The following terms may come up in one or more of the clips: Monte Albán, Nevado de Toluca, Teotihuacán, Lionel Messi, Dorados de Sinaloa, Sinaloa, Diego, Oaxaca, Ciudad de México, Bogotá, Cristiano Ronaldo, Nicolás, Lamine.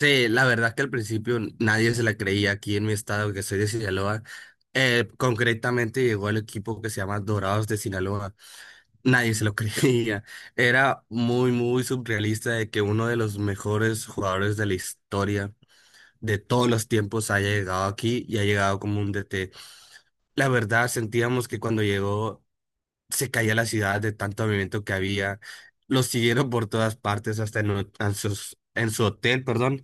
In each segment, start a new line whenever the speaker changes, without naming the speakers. Sí, la verdad que al principio nadie se la creía aquí en mi estado, que soy de Sinaloa. Concretamente llegó el equipo que se llama Dorados de Sinaloa. Nadie se lo creía. Era muy, muy surrealista de que uno de los mejores jugadores de la historia de todos los tiempos haya llegado aquí y ha llegado como un DT. La verdad, sentíamos que cuando llegó se caía la ciudad de tanto movimiento que había. Lo siguieron por todas partes, hasta en, o- en sus- en su hotel, perdón,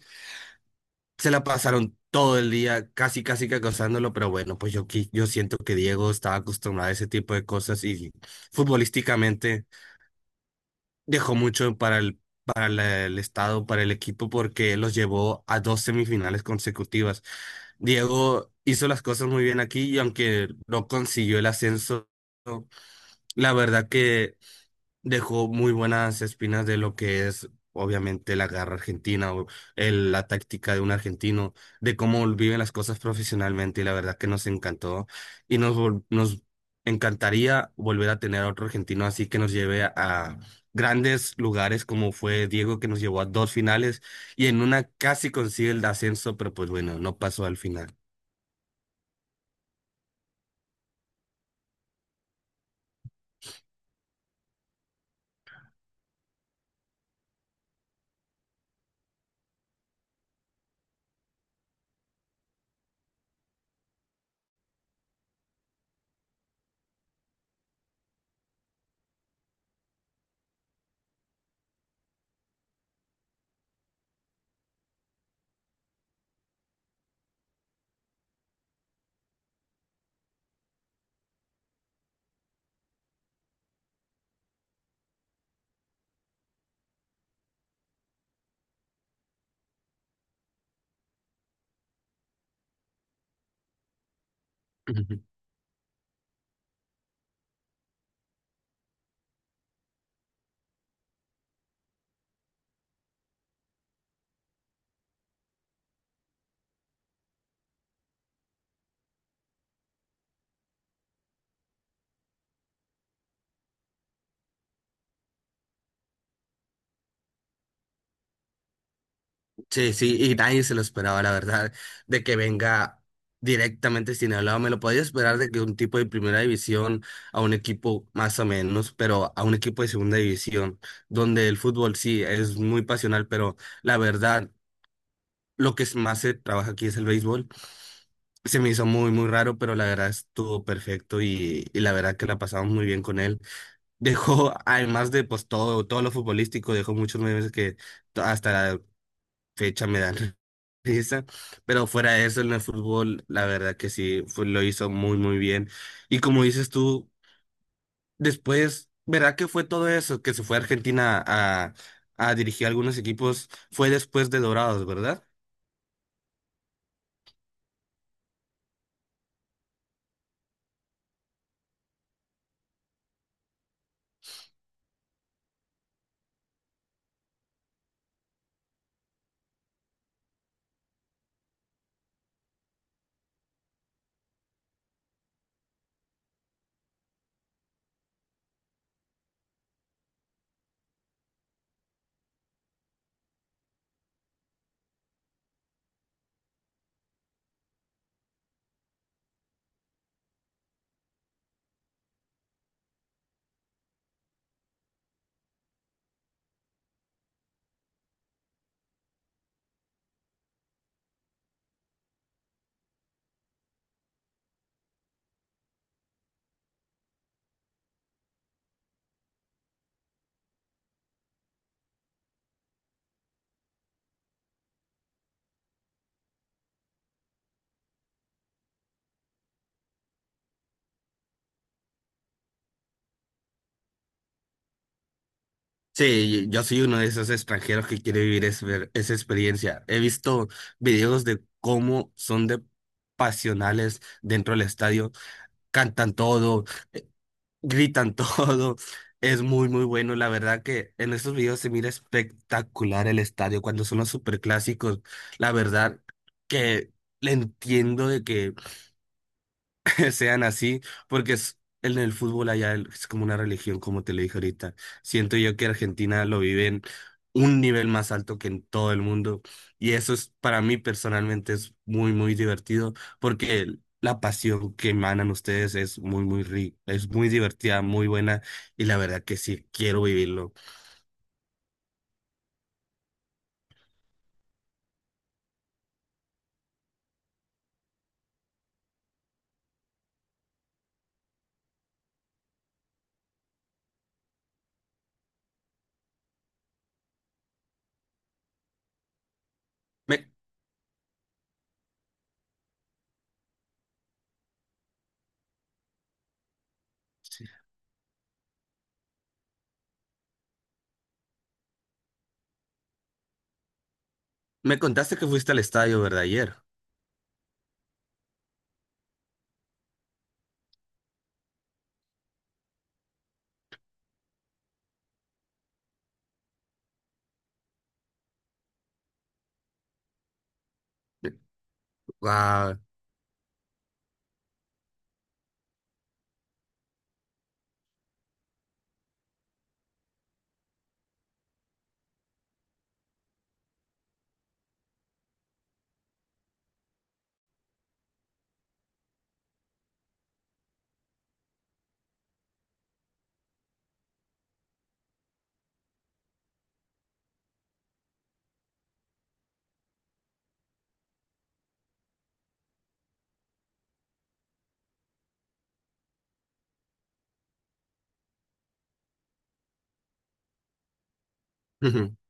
se la pasaron todo el día casi, casi que acosándolo, pero bueno, pues yo siento que Diego estaba acostumbrado a ese tipo de cosas y futbolísticamente dejó mucho para el, para el estado, para el equipo, porque los llevó a dos semifinales consecutivas. Diego hizo las cosas muy bien aquí y aunque no consiguió el ascenso, la verdad que dejó muy buenas espinas de lo que es, obviamente, la garra argentina o la táctica de un argentino, de cómo viven las cosas profesionalmente y la verdad que nos encantó y nos encantaría volver a tener a otro argentino así que nos lleve a grandes lugares como fue Diego que nos llevó a dos finales y en una casi consigue el ascenso, pero pues bueno, no pasó al final. Sí, sí, y nadie se lo esperaba, la verdad, de que venga directamente Sinaloa. Me lo podía esperar de que un tipo de primera división a un equipo más o menos, pero a un equipo de segunda división, donde el fútbol sí es muy pasional, pero la verdad, más se trabaja aquí es el béisbol. Se me hizo muy, muy raro, pero la verdad estuvo perfecto y la verdad que la pasamos muy bien con él. Dejó, además de pues todo, todo lo futbolístico, dejó muchos memes que hasta fecha me da risa, pero fuera de eso en el fútbol, la verdad que sí, lo hizo muy, muy bien. Y como dices tú, después, ¿verdad que fue todo eso? Que se fue a Argentina a dirigir algunos equipos, fue después de Dorados, ¿verdad? Sí, yo soy uno de esos extranjeros que quiere vivir ver esa experiencia. He visto videos de cómo son de pasionales dentro del estadio, cantan todo, gritan todo. Es muy, muy bueno. La verdad que en estos videos se mira espectacular el estadio cuando son los superclásicos. La verdad que le entiendo de que sean así, porque es, en el fútbol allá es como una religión, como te lo dije ahorita. Siento yo que Argentina lo vive en un nivel más alto que en todo el mundo y eso es para mí personalmente es muy, muy divertido porque la pasión que emanan ustedes es muy, muy rica, es muy divertida, muy buena y la verdad que sí, quiero vivirlo. Me, me contaste que fuiste al estadio, ¿verdad? Ayer. Wow.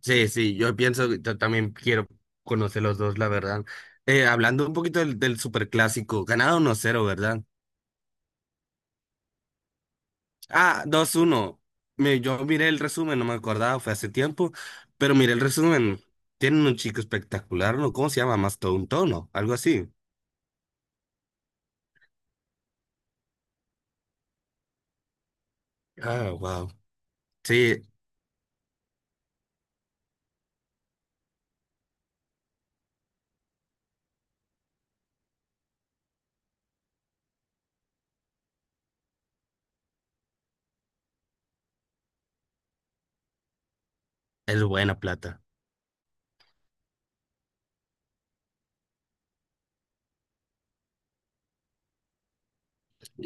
Sí, sí, yo pienso que yo también quiero conocer los dos, la verdad. Hablando un poquito del, del superclásico, ganado 1-0, ¿verdad? Ah, 2-1. Yo miré el resumen, no me acordaba, fue hace tiempo, pero miré el resumen. Tienen un chico espectacular, ¿no? ¿Cómo se llama? Mastodon, ¿no? Algo así. Ah, wow. Sí, es buena plata.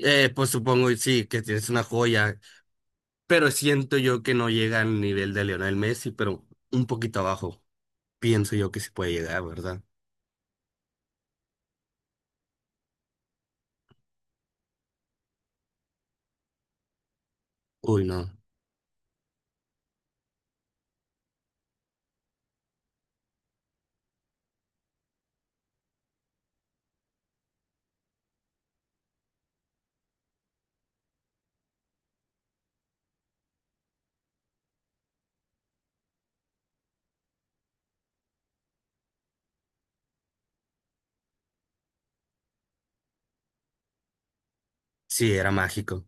Pues supongo, y sí, que tienes una joya, pero siento yo que no llega al nivel de Lionel Messi, pero un poquito abajo. Pienso yo que sí puede llegar, ¿verdad? Uy, no. Sí, era mágico.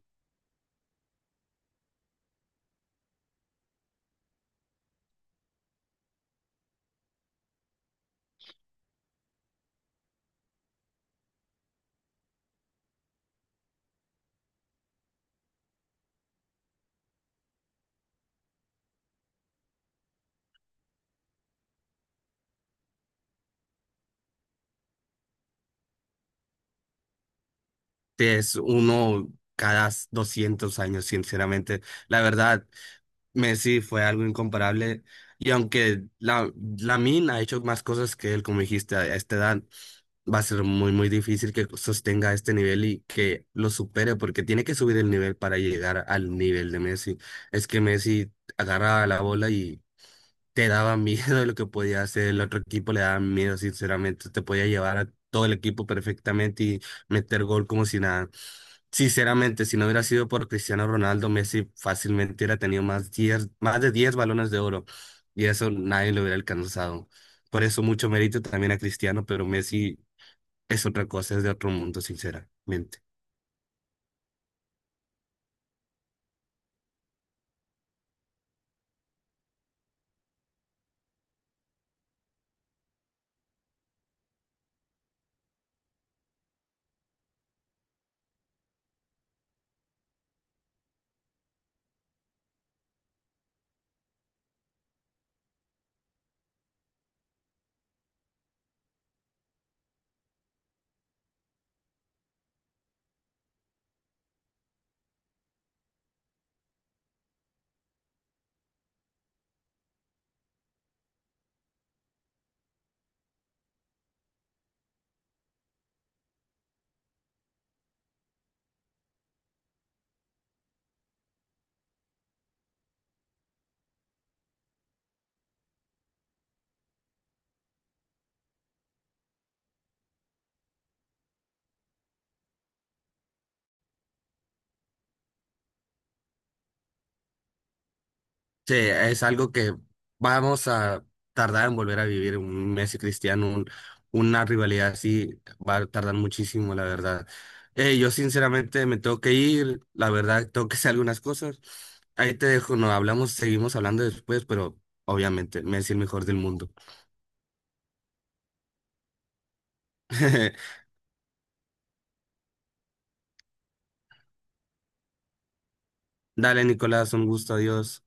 Sí, es uno cada 200 años, sinceramente. La verdad, Messi fue algo incomparable. Y aunque Lamine ha hecho más cosas que él, como dijiste, a esta edad, va a ser muy, muy difícil que sostenga este nivel y que lo supere, porque tiene que subir el nivel para llegar al nivel de Messi. Es que Messi agarra la bola y te daba miedo de lo que podía hacer, el otro equipo le daba miedo, sinceramente, te podía llevar a todo el equipo perfectamente y meter gol como si nada. Sinceramente, si no hubiera sido por Cristiano Ronaldo, Messi fácilmente hubiera tenido más, 10 más de 10 balones de oro y eso nadie lo hubiera alcanzado. Por eso mucho mérito también a Cristiano, pero Messi es otra cosa, es de otro mundo, sinceramente. Sí, es algo que vamos a tardar en volver a vivir un Messi Cristiano, una rivalidad así va a tardar muchísimo, la verdad. Yo sinceramente me tengo que ir, la verdad tengo que hacer algunas cosas. Ahí te dejo, no hablamos, seguimos hablando después, pero obviamente Messi el mejor del mundo. Dale, Nicolás, un gusto, adiós.